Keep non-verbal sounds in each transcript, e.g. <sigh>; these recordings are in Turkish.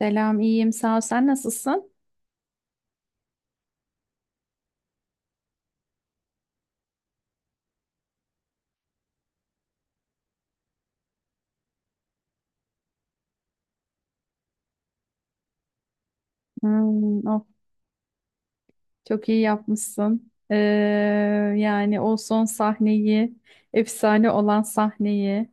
Selam, iyiyim. Sağ ol. Sen nasılsın? Hmm, of, çok iyi yapmışsın. Yani o son sahneyi, efsane olan sahneyi,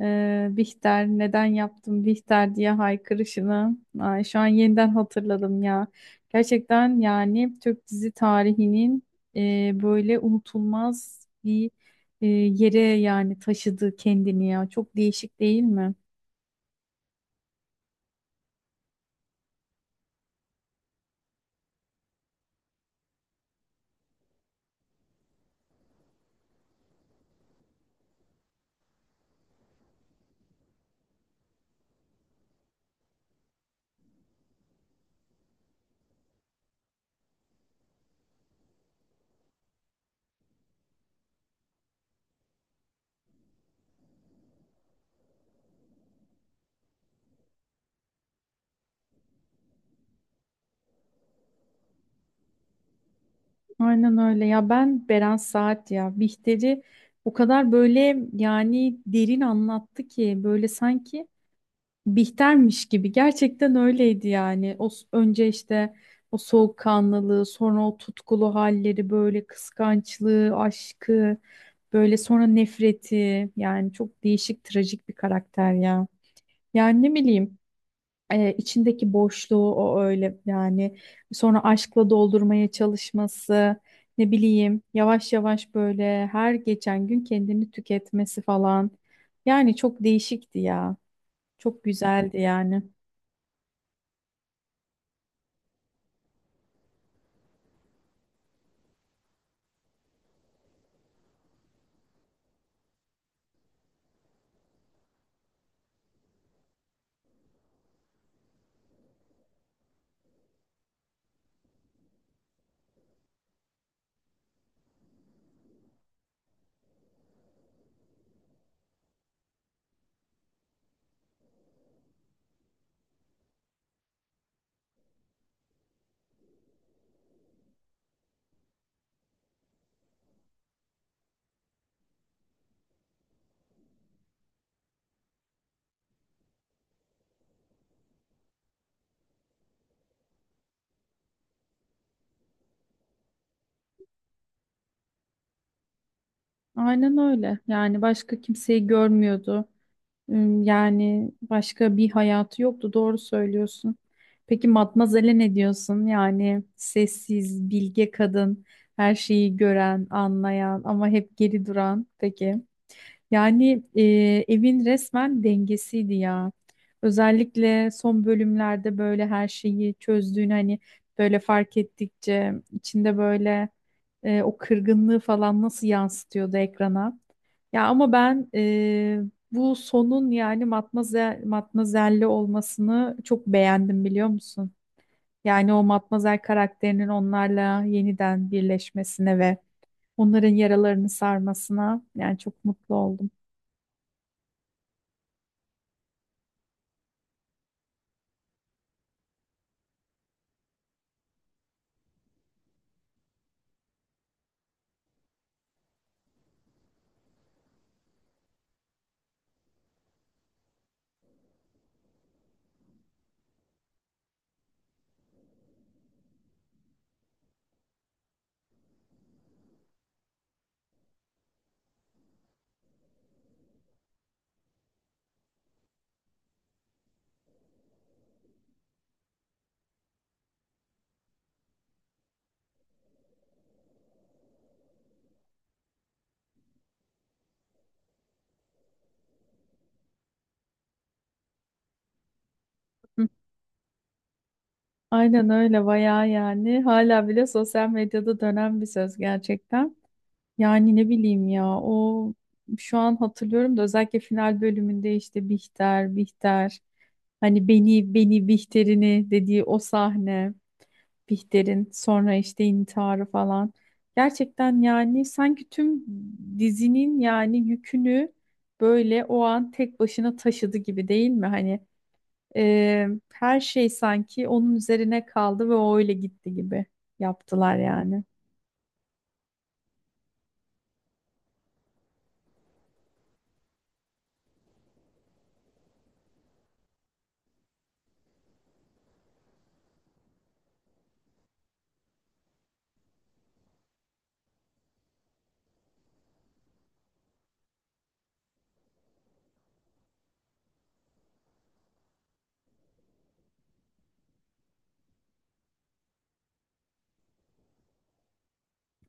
Bihter neden yaptım Bihter diye haykırışını. Ay, şu an yeniden hatırladım ya. Gerçekten yani Türk dizi tarihinin böyle unutulmaz bir yere yani taşıdı kendini ya. Çok değişik değil mi? Aynen öyle ya, ben Beren Saat ya Bihter'i o kadar böyle yani derin anlattı ki, böyle sanki Bihter'miş gibi gerçekten öyleydi yani. Önce işte o soğukkanlılığı, sonra o tutkulu halleri, böyle kıskançlığı, aşkı, böyle sonra nefreti, yani çok değişik trajik bir karakter ya. Yani ne bileyim, içindeki boşluğu o öyle yani sonra aşkla doldurmaya çalışması, ne bileyim yavaş yavaş böyle her geçen gün kendini tüketmesi falan. Yani çok değişikti ya, çok güzeldi yani. Aynen öyle, yani başka kimseyi görmüyordu. Hmm, yani başka bir hayatı yoktu. Doğru söylüyorsun. Peki Matmazel'e ne diyorsun? Yani sessiz, bilge kadın, her şeyi gören, anlayan ama hep geri duran. Peki. Yani, evin resmen dengesiydi ya. Özellikle son bölümlerde böyle her şeyi çözdüğünü hani böyle fark ettikçe içinde böyle, o kırgınlığı falan nasıl yansıtıyordu ekrana. Ya ama ben, bu sonun yani matmazel, matmazelli olmasını çok beğendim biliyor musun? Yani o matmazel karakterinin onlarla yeniden birleşmesine ve onların yaralarını sarmasına yani çok mutlu oldum. Hı. Aynen öyle, bayağı yani hala bile sosyal medyada dönen bir söz gerçekten. Yani ne bileyim ya, o şu an hatırlıyorum da, özellikle final bölümünde işte Bihter, Bihter hani beni Bihter'ini dediği o sahne, Bihter'in sonra işte intiharı falan. Gerçekten yani sanki tüm dizinin yani yükünü böyle o an tek başına taşıdı gibi değil mi? Hani, her şey sanki onun üzerine kaldı ve o öyle gitti gibi yaptılar yani.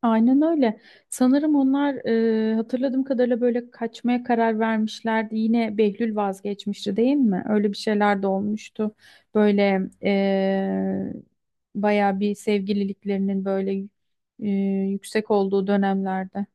Aynen öyle. Sanırım onlar, hatırladığım kadarıyla böyle kaçmaya karar vermişlerdi. Yine Behlül vazgeçmişti değil mi? Öyle bir şeyler de olmuştu. Böyle, bayağı bir sevgililiklerinin böyle, e, yüksek olduğu dönemlerde.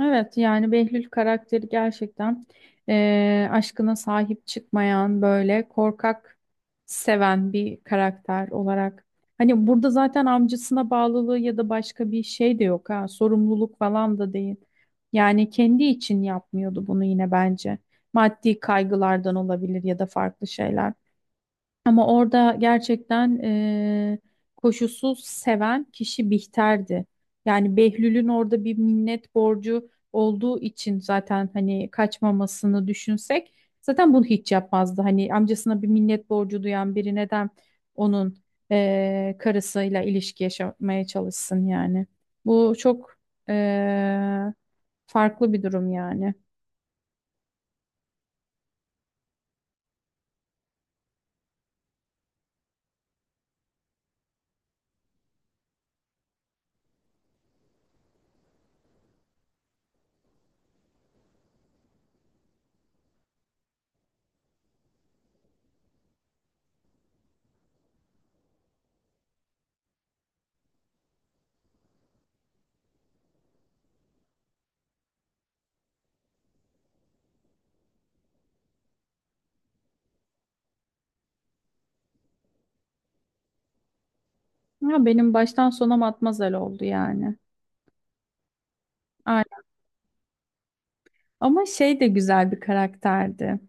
Evet, yani Behlül karakteri gerçekten, aşkına sahip çıkmayan, böyle korkak, seven bir karakter olarak. Hani burada zaten amcasına bağlılığı ya da başka bir şey de yok, ha sorumluluk falan da değil. Yani kendi için yapmıyordu bunu, yine bence. Maddi kaygılardan olabilir ya da farklı şeyler. Ama orada gerçekten, koşulsuz seven kişi Bihter'di. Yani Behlül'ün orada bir minnet borcu olduğu için zaten hani kaçmamasını düşünsek, zaten bunu hiç yapmazdı. Hani amcasına bir minnet borcu duyan biri neden onun, karısıyla ilişki yaşamaya çalışsın yani. Bu çok, eee, farklı bir durum yani. Ama benim baştan sona matmazel oldu yani. Ama şey de güzel bir karakterdi.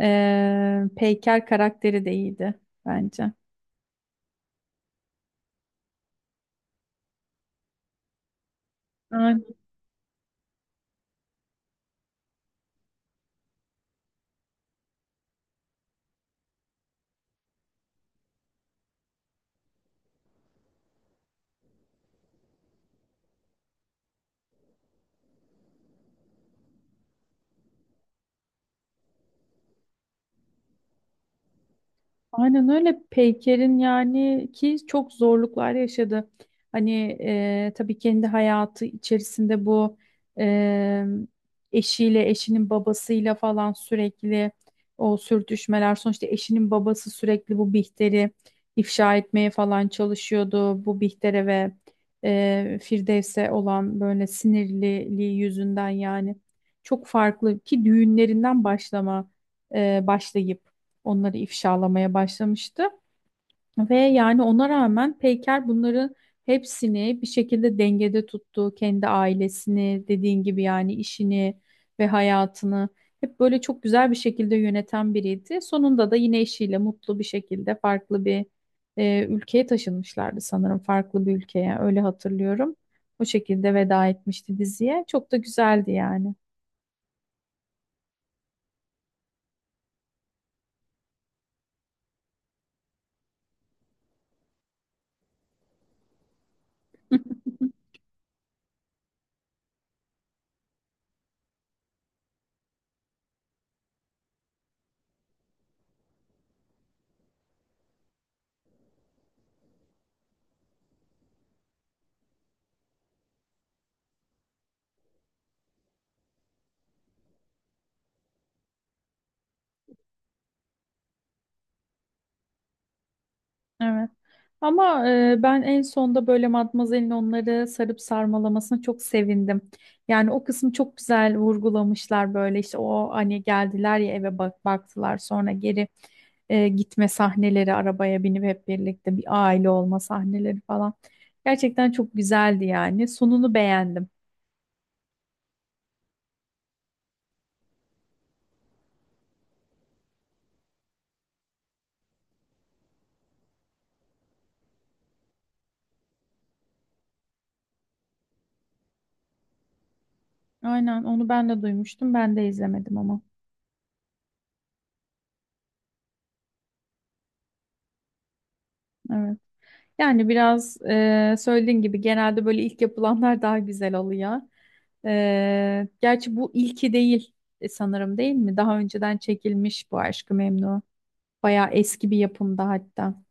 Peyker karakteri de iyiydi bence. Aynen öyle, Peyker'in yani ki çok zorluklar yaşadı. Hani, tabii kendi hayatı içerisinde bu, e, eşiyle, eşinin babasıyla falan sürekli o sürtüşmeler. Sonuçta eşinin babası sürekli bu Bihter'i ifşa etmeye falan çalışıyordu. Bu Bihter'e ve, Firdevs'e olan böyle sinirliliği yüzünden yani çok farklı ki, başlayıp onları ifşalamaya başlamıştı. Ve yani ona rağmen Peyker bunların hepsini bir şekilde dengede tuttu. Kendi ailesini, dediğin gibi yani işini ve hayatını hep böyle çok güzel bir şekilde yöneten biriydi. Sonunda da yine eşiyle mutlu bir şekilde farklı bir, ülkeye taşınmışlardı sanırım. Farklı bir ülkeye, öyle hatırlıyorum. O şekilde veda etmişti diziye. Çok da güzeldi yani. <laughs> Evet. Ama, ben en sonda böyle Matmazel'in onları sarıp sarmalamasına çok sevindim. Yani o kısmı çok güzel vurgulamışlar, böyle işte o hani geldiler ya eve, baktılar sonra geri, gitme sahneleri, arabaya binip hep birlikte bir aile olma sahneleri falan. Gerçekten çok güzeldi yani. Sonunu beğendim. Aynen, onu ben de duymuştum. Ben de izlemedim ama. Evet. Yani biraz, söylediğin gibi genelde böyle ilk yapılanlar daha güzel oluyor. E, gerçi bu ilki değil, sanırım değil mi? Daha önceden çekilmiş bu Aşk-ı Memnu. Bayağı eski bir yapımda hatta.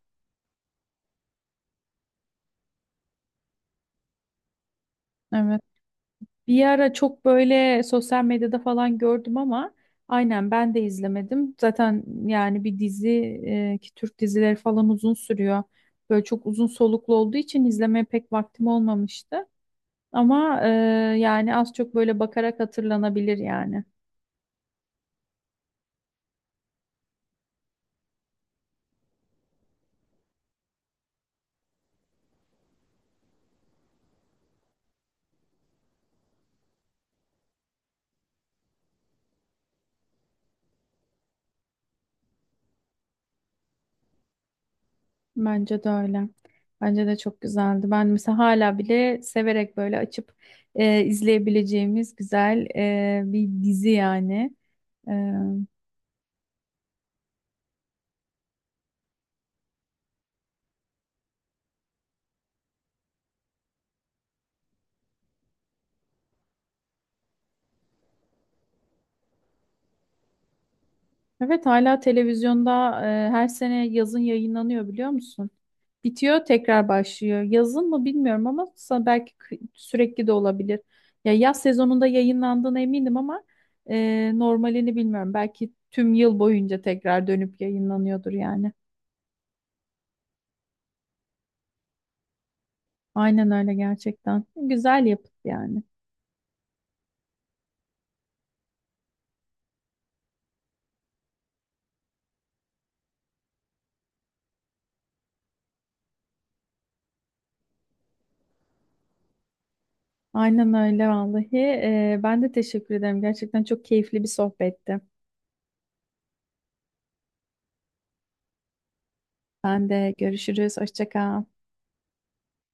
Evet. Bir ara çok böyle sosyal medyada falan gördüm ama aynen ben de izlemedim. Zaten yani bir dizi, ki Türk dizileri falan uzun sürüyor. Böyle çok uzun soluklu olduğu için izlemeye pek vaktim olmamıştı. Ama, yani az çok böyle bakarak hatırlanabilir yani. Bence de öyle. Bence de çok güzeldi. Ben mesela hala bile severek böyle açıp, izleyebileceğimiz güzel, bir dizi yani. E, evet, hala televizyonda, her sene yazın yayınlanıyor biliyor musun? Bitiyor tekrar başlıyor. Yazın mı bilmiyorum ama belki sürekli de olabilir. Ya yaz sezonunda yayınlandığına eminim ama, normalini bilmiyorum. Belki tüm yıl boyunca tekrar dönüp yayınlanıyordur yani. Aynen öyle gerçekten. Güzel yapıt yani. Aynen öyle vallahi. E, ben de teşekkür ederim. Gerçekten çok keyifli bir sohbetti. Ben de görüşürüz. Hoşça kal.